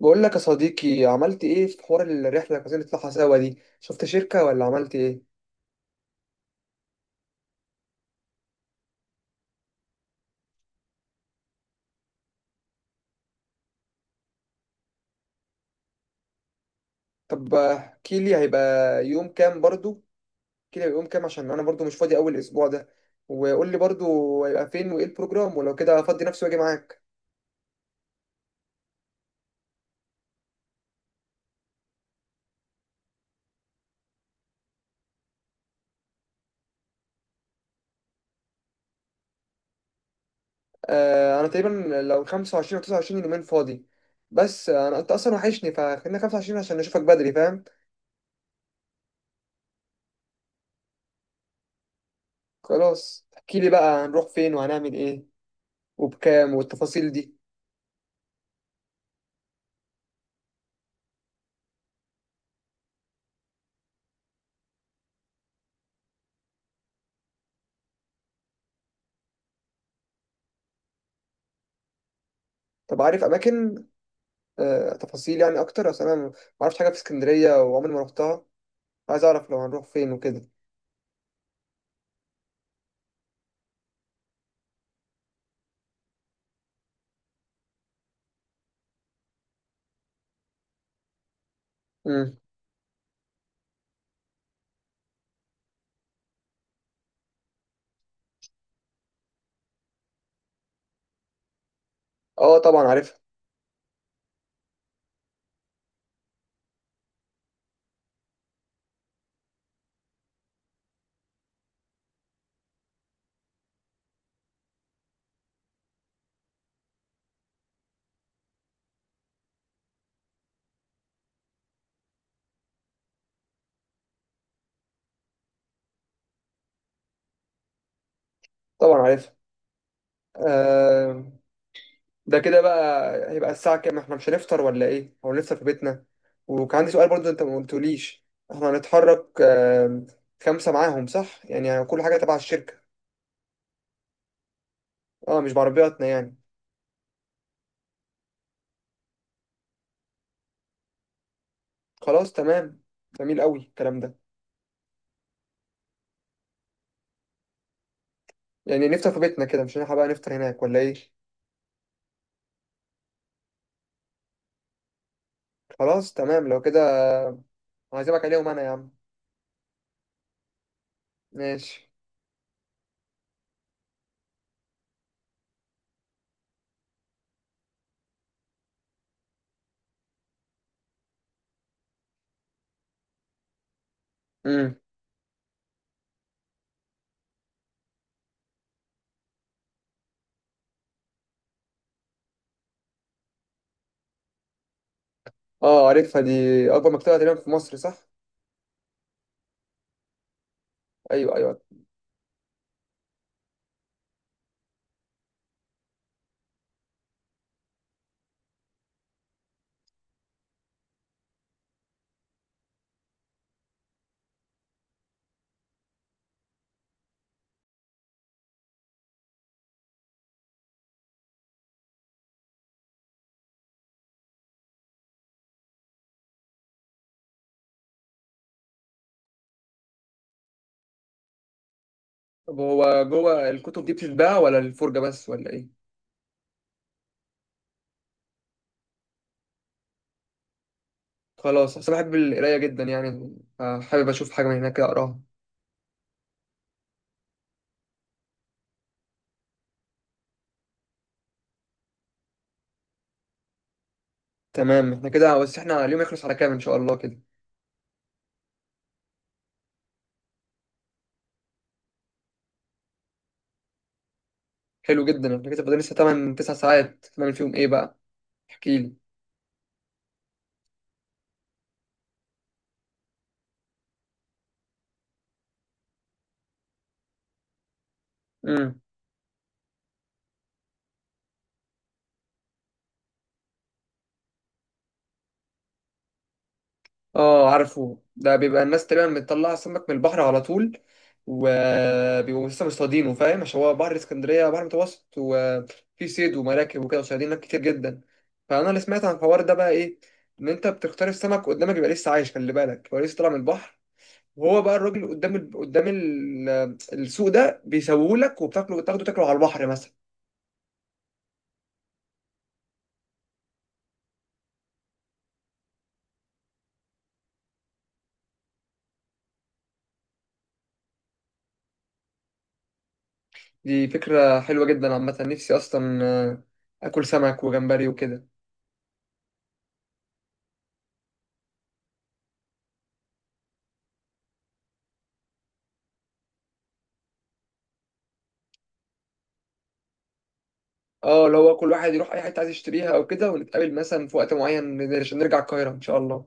بقول لك يا صديقي، عملت ايه في حوار الرحله اللي عايزين نطلعها سوا دي؟ شفت شركه ولا عملت ايه؟ طب احكي لي، هيبقى يوم كام برضو؟ احكي لي هيبقى يوم كام، عشان انا برضو مش فاضي اول اسبوع ده. وقول لي برضو هيبقى فين وايه البروجرام، ولو كده افضي نفسي واجي معاك. انا تقريبا، لو 25 او 29 يومين فاضي. بس انا، انت اصلا وحشني، فخلينا 25 عشان نشوفك بدري، فاهم؟ خلاص، احكي لي بقى، هنروح فين وهنعمل ايه؟ وبكام والتفاصيل دي؟ طب، عارف اماكن؟ تفاصيل يعني اكتر، اصل انا ما اعرفش حاجه في اسكندريه، وعمري ما رحتها. عايز اعرف لو هنروح فين وكده. امم. اه، طبعا عارفها. طبعا عارفها. آه. ده كده بقى هيبقى الساعه كام؟ احنا مش هنفطر ولا ايه، او نفطر في بيتنا؟ وكان عندي سؤال برضو، انت ما قلتوليش. احنا هنتحرك، خمسه معاهم صح يعني, كل حاجه تبع الشركه؟ اه، مش بعربياتنا يعني. خلاص، تمام. جميل قوي الكلام ده. يعني نفطر في بيتنا كده؟ مش هنلحق بقى نفطر هناك ولا ايه؟ خلاص، تمام لو كده. هعزمك عليهم انا يا عم. ماشي. امم. اه، عارفها دي، اكبر مكتبه تقريبا في مصر، صح؟ ايوه، ايوه. طب هو جوه الكتب دي بتتباع، ولا الفرجه بس، ولا ايه؟ خلاص، اصل أنا بحب القرايه جدا، يعني حابب اشوف حاجه من هناك كده اقراها. تمام، احنا كده، بس احنا اليوم يخلص على كام ان شاء الله كده؟ حلو جدا، احنا كده فاضل لسه 8 9 ساعات، نعمل فيهم ايه بقى؟ احكي. لي اه، عارفه ده، بيبقى الناس تقريبا بتطلع سمك من البحر على طول، وبيبقوا لسه مصطادينه، فاهم؟ عشان هو بحر اسكندريه بحر متوسط، وفي صيد ومراكب وكده، وصيادين هناك كتير جدا. فانا اللي سمعت عن الحوار ده بقى ايه، ان انت بتختار السمك قدامك يبقى لسه عايش، خلي بالك هو لسه طالع من البحر. وهو بقى الراجل السوق ده بيسووه لك، وبتاكله، بتاخده تاكله على البحر مثلا. دي فكره حلوه جدا، عامه نفسي اصلا اكل سمك وجمبري وكده. اه، لو هو كل واحد يروح اي حته عايز يشتريها او كده، ونتقابل مثلا في وقت معين عشان نرجع القاهره ان شاء الله.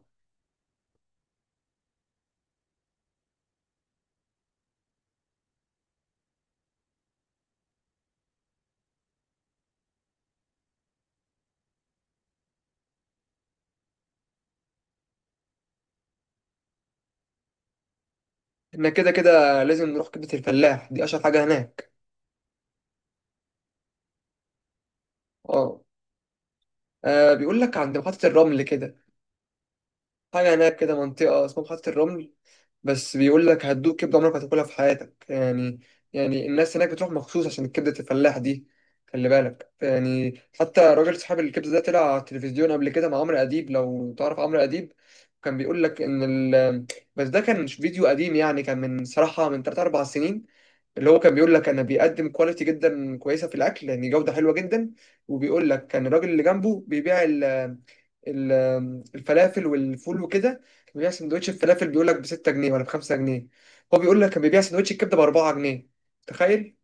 احنا كده كده لازم نروح كبده الفلاح، دي اشهر حاجه هناك. اه. بيقول لك عند محطه الرمل كده، حاجه هناك كده، منطقه اسمها محطه الرمل. بس بيقول لك هتدوق كبده عمرك ما هتاكلها في حياتك يعني. يعني الناس هناك بتروح مخصوص عشان كبده الفلاح دي. خلي بالك، يعني حتى راجل صاحب الكبده ده طلع على التلفزيون قبل كده مع عمرو اديب، لو تعرف عمرو اديب. كان بيقول لك ان ال... بس ده كان مش فيديو قديم، يعني كان من صراحه من 3 4 سنين. اللي هو كان بيقول لك انا بيقدم كواليتي جدا كويسه في الاكل، يعني جوده حلوه جدا. وبيقول لك كان الراجل اللي جنبه بيبيع ال الفلافل والفول وكده، كان بيبيع سندوتش الفلافل بيقول لك ب 6 جنيه ولا ب 5 جنيه. هو بيقول لك كان بيبيع سندوتش الكبده ب 4 جنيه، تخيل.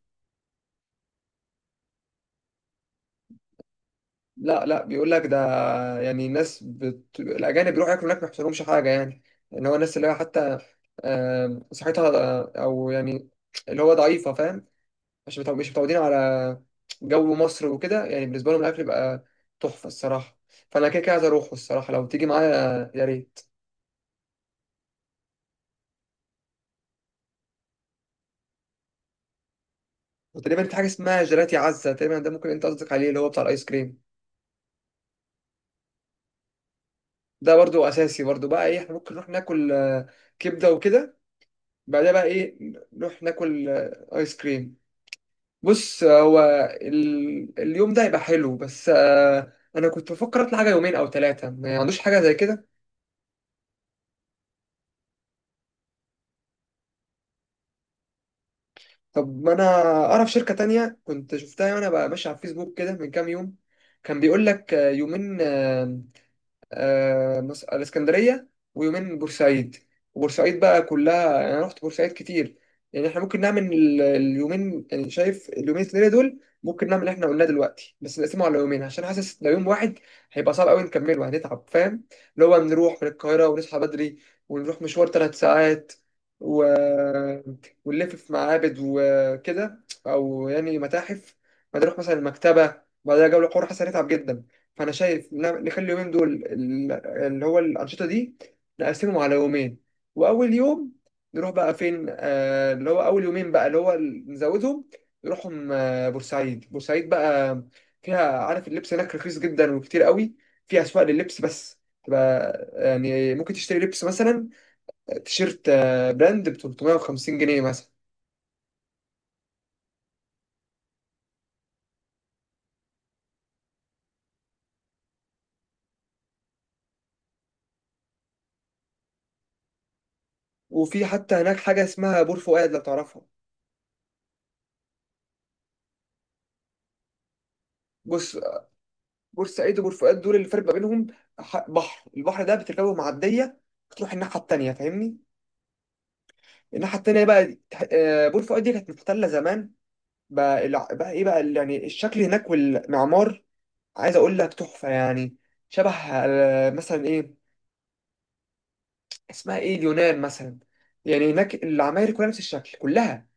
لا، لا، بيقول لك ده، يعني الناس الاجانب بيروحوا ياكلوا هناك ما يحصلهمش حاجه يعني. اللي هو الناس اللي هي حتى صحتها، او يعني اللي هو ضعيفه، فاهم؟ عشان مش متعودين على جو مصر وكده، يعني بالنسبة لهم الأكل بقى تحفة الصراحة. فأنا كده كده عايز أروحه الصراحة، لو تيجي معايا يا ريت. وتقريبا في حاجة اسمها جيلاتي عزة تقريبا، ده ممكن أنت قصدك عليه، اللي هو بتاع الآيس كريم. ده برضو أساسي، برضو بقى إيه، إحنا ممكن نروح ناكل كبدة وكده. بعدها بقى إيه؟ نروح ناكل آيس كريم. بص، هو اليوم ده هيبقى حلو، بس أنا كنت بفكر أطلع حاجة يومين أو ثلاثة، ما عندوش حاجة زي كده؟ طب ما انا اعرف شركة تانية، كنت شفتها وانا بقى ماشي على الفيسبوك كده من كام يوم. كان بيقول لك يومين، الاسكندريه، ويومين بورسعيد. وبورسعيد بقى كلها، يعني انا رحت بورسعيد كتير. يعني احنا ممكن نعمل اليومين، يعني شايف اليومين الاسكندريه دول ممكن نعمل اللي احنا قلناه دلوقتي، بس نقسمه على يومين، عشان حاسس لو يوم واحد هيبقى صعب قوي نكمله، هنتعب فاهم. اللي هو نروح من القاهره ونصحى بدري، ونروح مشوار ثلاث ساعات، و... ونلف في معابد وكده او يعني متاحف، بعدين نروح مثلا المكتبه، بعدها جوله، قرى حاسس هنتعب جدا. فانا شايف نخلي اليومين دول، اللي هو الانشطه دي نقسمهم على يومين. واول يوم نروح بقى فين، اللي هو اول يومين بقى، اللي هو نزودهم، نروحهم بورسعيد. بورسعيد بقى فيها، عارف اللبس هناك رخيص جدا وكتير قوي، في اسواق لللبس بس. تبقى يعني ممكن تشتري لبس مثلا، تيشيرت براند ب 350 جنيه مثلا. وفي حتى هناك حاجه اسمها بور فؤاد، لو تعرفها. بص، بورسعيد وبور فؤاد، دول اللي فرق ما بينهم ح- بحر البحر ده بتركبه معديه، بتروح الناحيه التانيه فاهمني. الناحيه التانيه بقى بور فؤاد دي كانت محتله زمان، بقى بقى ايه، بقى يعني الشكل هناك والمعمار، عايز اقول لك تحفه يعني. شبه مثلا ايه، اسمها ايه، اليونان مثلا. يعني هناك العماير كلها نفس الشكل كلها.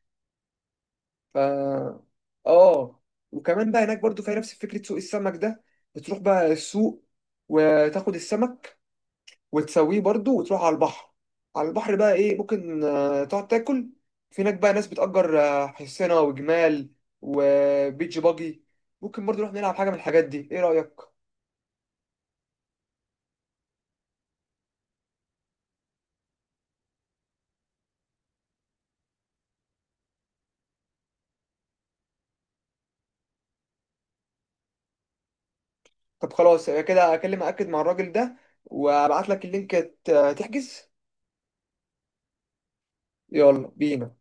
ف اه. وكمان بقى هناك برضو فيها نفس فكره سوق السمك ده، بتروح بقى السوق، وتاخد السمك، وتسويه برضو، وتروح على البحر. على البحر بقى ايه، ممكن تقعد تاكل. في هناك بقى ناس بتأجر حصينة وجمال وبيتش باجي، ممكن برضو نروح نلعب حاجة من الحاجات دي، ايه رأيك؟ طب خلاص يبقى كده، اكلم اكد مع الراجل ده، وابعت لك اللينك تحجز. يلا بينا.